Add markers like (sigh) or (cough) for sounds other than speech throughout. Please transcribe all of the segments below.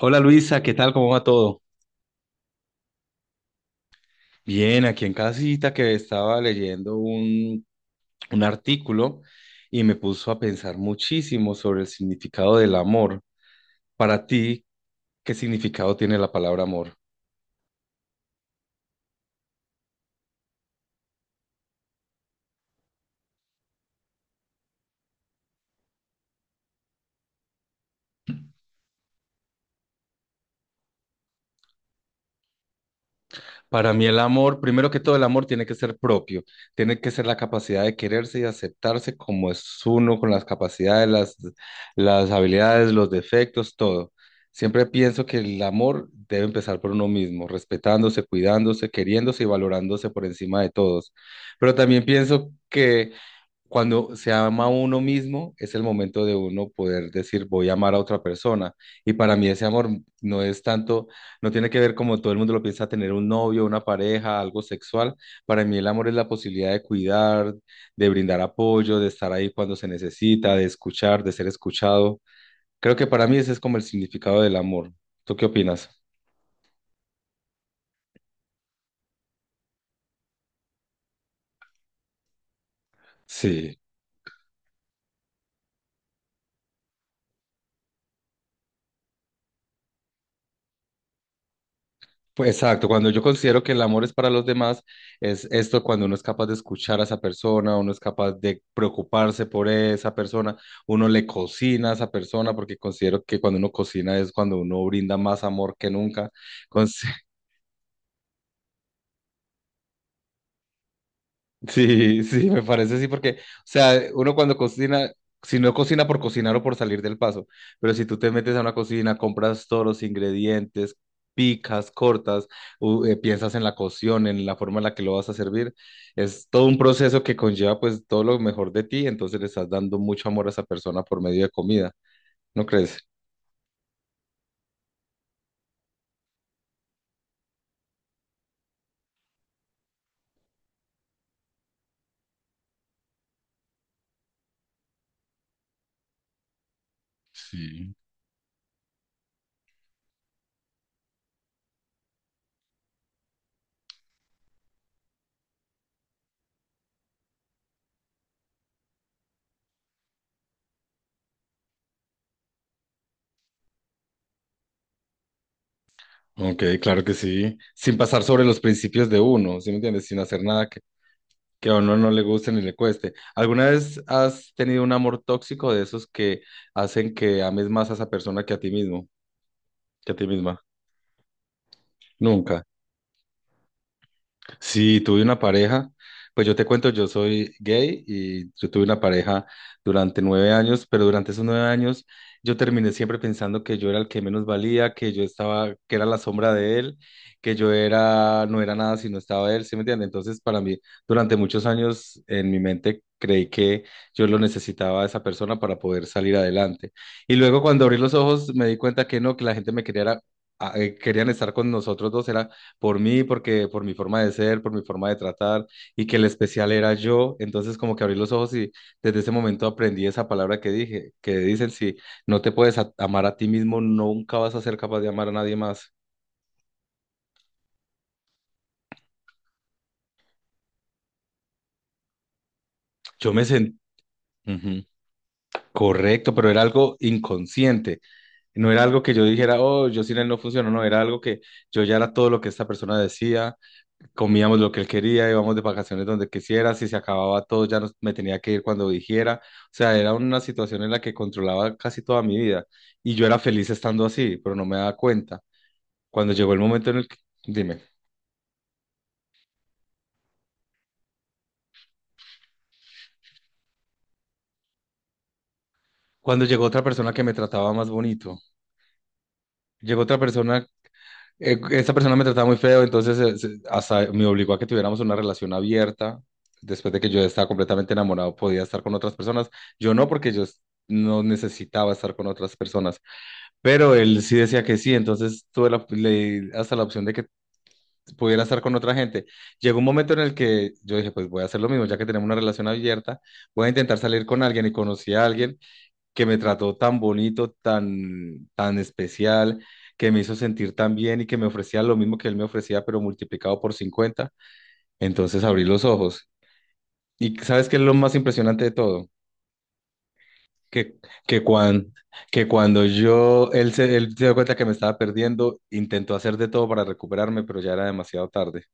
Hola Luisa, ¿qué tal? ¿Cómo va todo? Bien, aquí en casita que estaba leyendo un artículo y me puso a pensar muchísimo sobre el significado del amor. Para ti, ¿qué significado tiene la palabra amor? Para mí el amor, primero que todo el amor tiene que ser propio, tiene que ser la capacidad de quererse y aceptarse como es uno, con las capacidades, las habilidades, los defectos, todo. Siempre pienso que el amor debe empezar por uno mismo, respetándose, cuidándose, queriéndose y valorándose por encima de todos. Pero también pienso que cuando se ama a uno mismo, es el momento de uno poder decir, voy a amar a otra persona. Y para mí ese amor no es tanto, no tiene que ver como todo el mundo lo piensa, tener un novio, una pareja, algo sexual. Para mí el amor es la posibilidad de cuidar, de brindar apoyo, de estar ahí cuando se necesita, de escuchar, de ser escuchado. Creo que para mí ese es como el significado del amor. ¿Tú qué opinas? Sí. Pues, exacto, cuando yo considero que el amor es para los demás, es esto cuando uno es capaz de escuchar a esa persona, uno es capaz de preocuparse por esa persona, uno le cocina a esa persona, porque considero que cuando uno cocina es cuando uno brinda más amor que nunca. Sí, sí, me parece así porque, o sea, uno cuando cocina, si no cocina por cocinar o por salir del paso, pero si tú te metes a una cocina, compras todos los ingredientes, picas, cortas, piensas en la cocción, en la forma en la que lo vas a servir, es todo un proceso que conlleva pues todo lo mejor de ti, entonces le estás dando mucho amor a esa persona por medio de comida, ¿no crees? Sí. Ok, claro que sí, sin pasar sobre los principios de uno, ¿sí me entiendes? Sin hacer nada que, que a uno no le guste ni le cueste. ¿Alguna vez has tenido un amor tóxico de esos que hacen que ames más a esa persona que a ti mismo, que a ti misma? Nunca. Sí, tuve una pareja, pues yo te cuento, yo soy gay y yo tuve una pareja durante 9 años, pero durante esos 9 años yo terminé siempre pensando que yo era el que menos valía, que yo estaba, que era la sombra de él, que yo era, no era nada si no estaba él, ¿sí me entiendes? Entonces para mí, durante muchos años en mi mente creí que yo lo necesitaba a esa persona para poder salir adelante. Y luego cuando abrí los ojos me di cuenta que no, que la gente me quería, querían estar con nosotros dos, era por mí, porque por mi forma de ser, por mi forma de tratar, y que el especial era yo. Entonces, como que abrí los ojos y desde ese momento aprendí esa palabra que dije, que dicen, si no te puedes amar a ti mismo, nunca vas a ser capaz de amar a nadie más. Yo me sentí... Correcto, pero era algo inconsciente. No era algo que yo dijera, oh, yo sin él no funciono, no, era algo que yo ya era todo lo que esta persona decía, comíamos lo que él quería, íbamos de vacaciones donde quisiera, si se acababa todo ya me tenía que ir cuando dijera, o sea, era una situación en la que controlaba casi toda mi vida y yo era feliz estando así, pero no me daba cuenta. Cuando llegó el momento en el que, dime, cuando llegó otra persona que me trataba más bonito, llegó otra persona, esa persona me trataba muy feo, entonces hasta me obligó a que tuviéramos una relación abierta. Después de que yo estaba completamente enamorado, podía estar con otras personas. Yo no, porque yo no necesitaba estar con otras personas. Pero él sí decía que sí, entonces tuve le di hasta la opción de que pudiera estar con otra gente. Llegó un momento en el que yo dije, pues voy a hacer lo mismo, ya que tenemos una relación abierta, voy a intentar salir con alguien y conocí a alguien que me trató tan bonito, tan, tan especial, que me hizo sentir tan bien y que me ofrecía lo mismo que él me ofrecía, pero multiplicado por 50. Entonces abrí los ojos. ¿Y sabes qué es lo más impresionante de todo? que, que que cuando yo, él se dio cuenta que me estaba perdiendo, intentó hacer de todo para recuperarme, pero ya era demasiado tarde.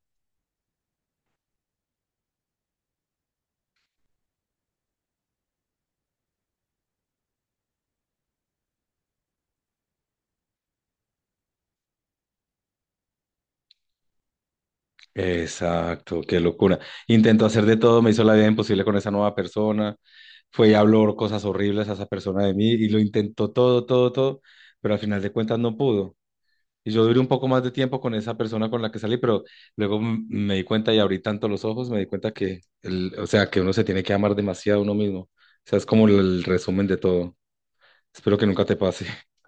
Exacto, qué locura. Intentó hacer de todo, me hizo la vida imposible con esa nueva persona, fue y habló cosas horribles a esa persona de mí y lo intentó todo, todo, todo, pero al final de cuentas no pudo. Y yo duré un poco más de tiempo con esa persona con la que salí, pero luego me di cuenta y abrí tanto los ojos, me di cuenta que, el, o sea, que uno se tiene que amar demasiado a uno mismo. O sea, es como el resumen de todo. Espero que nunca te pase. (laughs)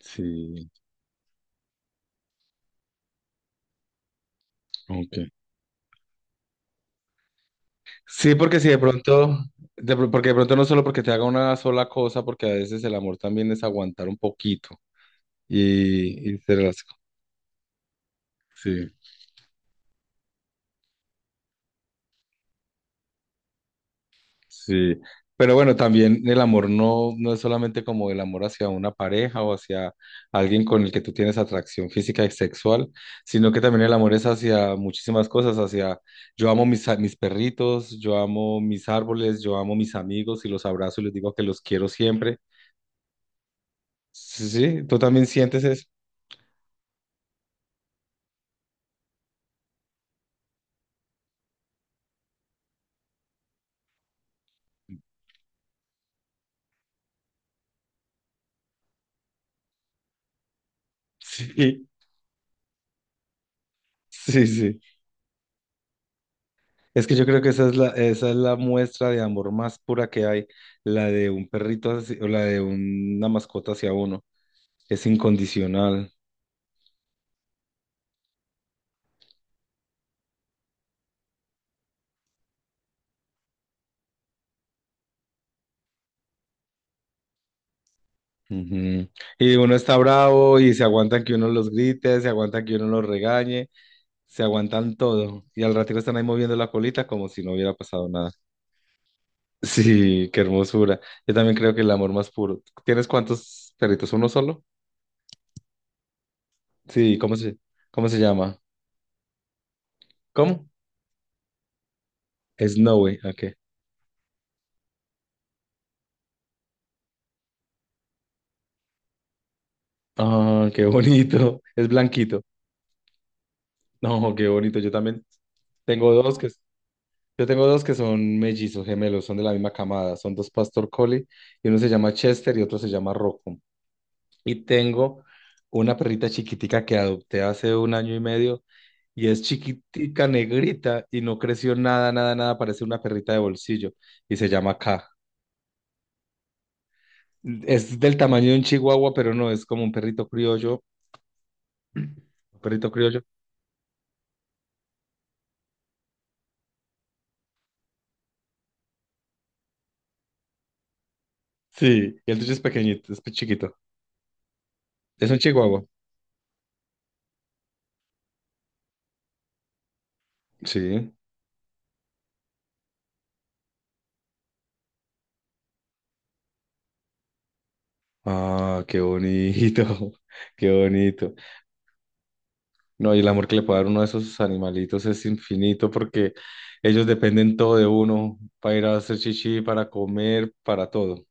Sí. Ok. Sí, porque si de pronto, porque de pronto no solo porque te haga una sola cosa, porque a veces el amor también es aguantar un poquito y ser así. Sí, pero bueno, también el amor no, no es solamente como el amor hacia una pareja o hacia alguien con el que tú tienes atracción física y sexual, sino que también el amor es hacia muchísimas cosas, hacia yo amo mis perritos, yo amo mis árboles, yo amo mis amigos y los abrazo y les digo que los quiero siempre. Sí, sí, tú también sientes eso. (laughs) Sí, sí, sí. Es que yo creo que esa es la muestra de amor más pura que hay, la de un perrito o la de una mascota hacia uno. Es incondicional. Ujú. Y uno está bravo y se aguantan que uno los grite, se aguantan que uno los regañe, se aguantan todo. Y al ratito están ahí moviendo la colita como si no hubiera pasado nada. (laughs) Sí, qué hermosura. Yo también creo que el amor más puro. ¿Tienes cuántos perritos? ¿Uno solo? Sí, ¿cómo se llama? ¿Cómo? Snowy, ok. Ah, qué bonito. Es blanquito. No, qué bonito. Tengo dos que Yo tengo dos que son mellizos, gemelos, son de la misma camada, son dos Pastor Collie, y uno se llama Chester y otro se llama Rocco. Y tengo una perrita chiquitica que adopté hace un año y medio, y es chiquitica, negrita, y no creció nada, nada, nada, parece una perrita de bolsillo, y se llama K. Es del tamaño de un chihuahua, pero no, es como un perrito criollo, un perrito criollo. Sí, y el tuyo es pequeñito, es chiquito. Es un chihuahua. Sí. Ah, qué bonito, (laughs) qué bonito. No, y el amor que le puede dar uno de esos animalitos es infinito porque ellos dependen todo de uno para ir a hacer chichi, para comer, para todo.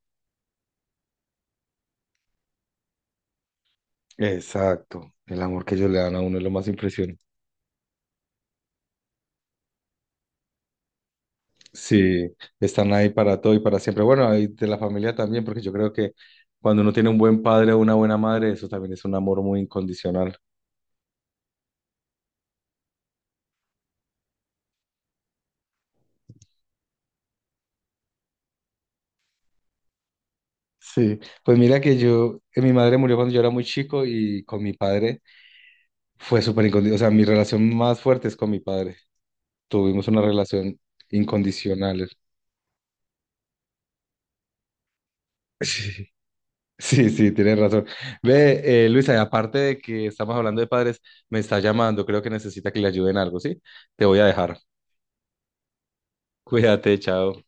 Exacto, el amor que ellos le dan a uno es lo más impresionante. Sí, están ahí para todo y para siempre. Bueno, ahí de la familia también, porque yo creo que cuando uno tiene un buen padre o una buena madre, eso también es un amor muy incondicional. Sí, pues mira que yo, mi madre murió cuando yo era muy chico y con mi padre fue súper incondicional. O sea, mi relación más fuerte es con mi padre. Tuvimos una relación incondicional. (laughs) Sí, sí, sí, tienes razón. Ve, Luisa, y aparte de que estamos hablando de padres, me está llamando, creo que necesita que le ayuden algo, ¿sí? Te voy a dejar. (laughs) Cuídate, chao.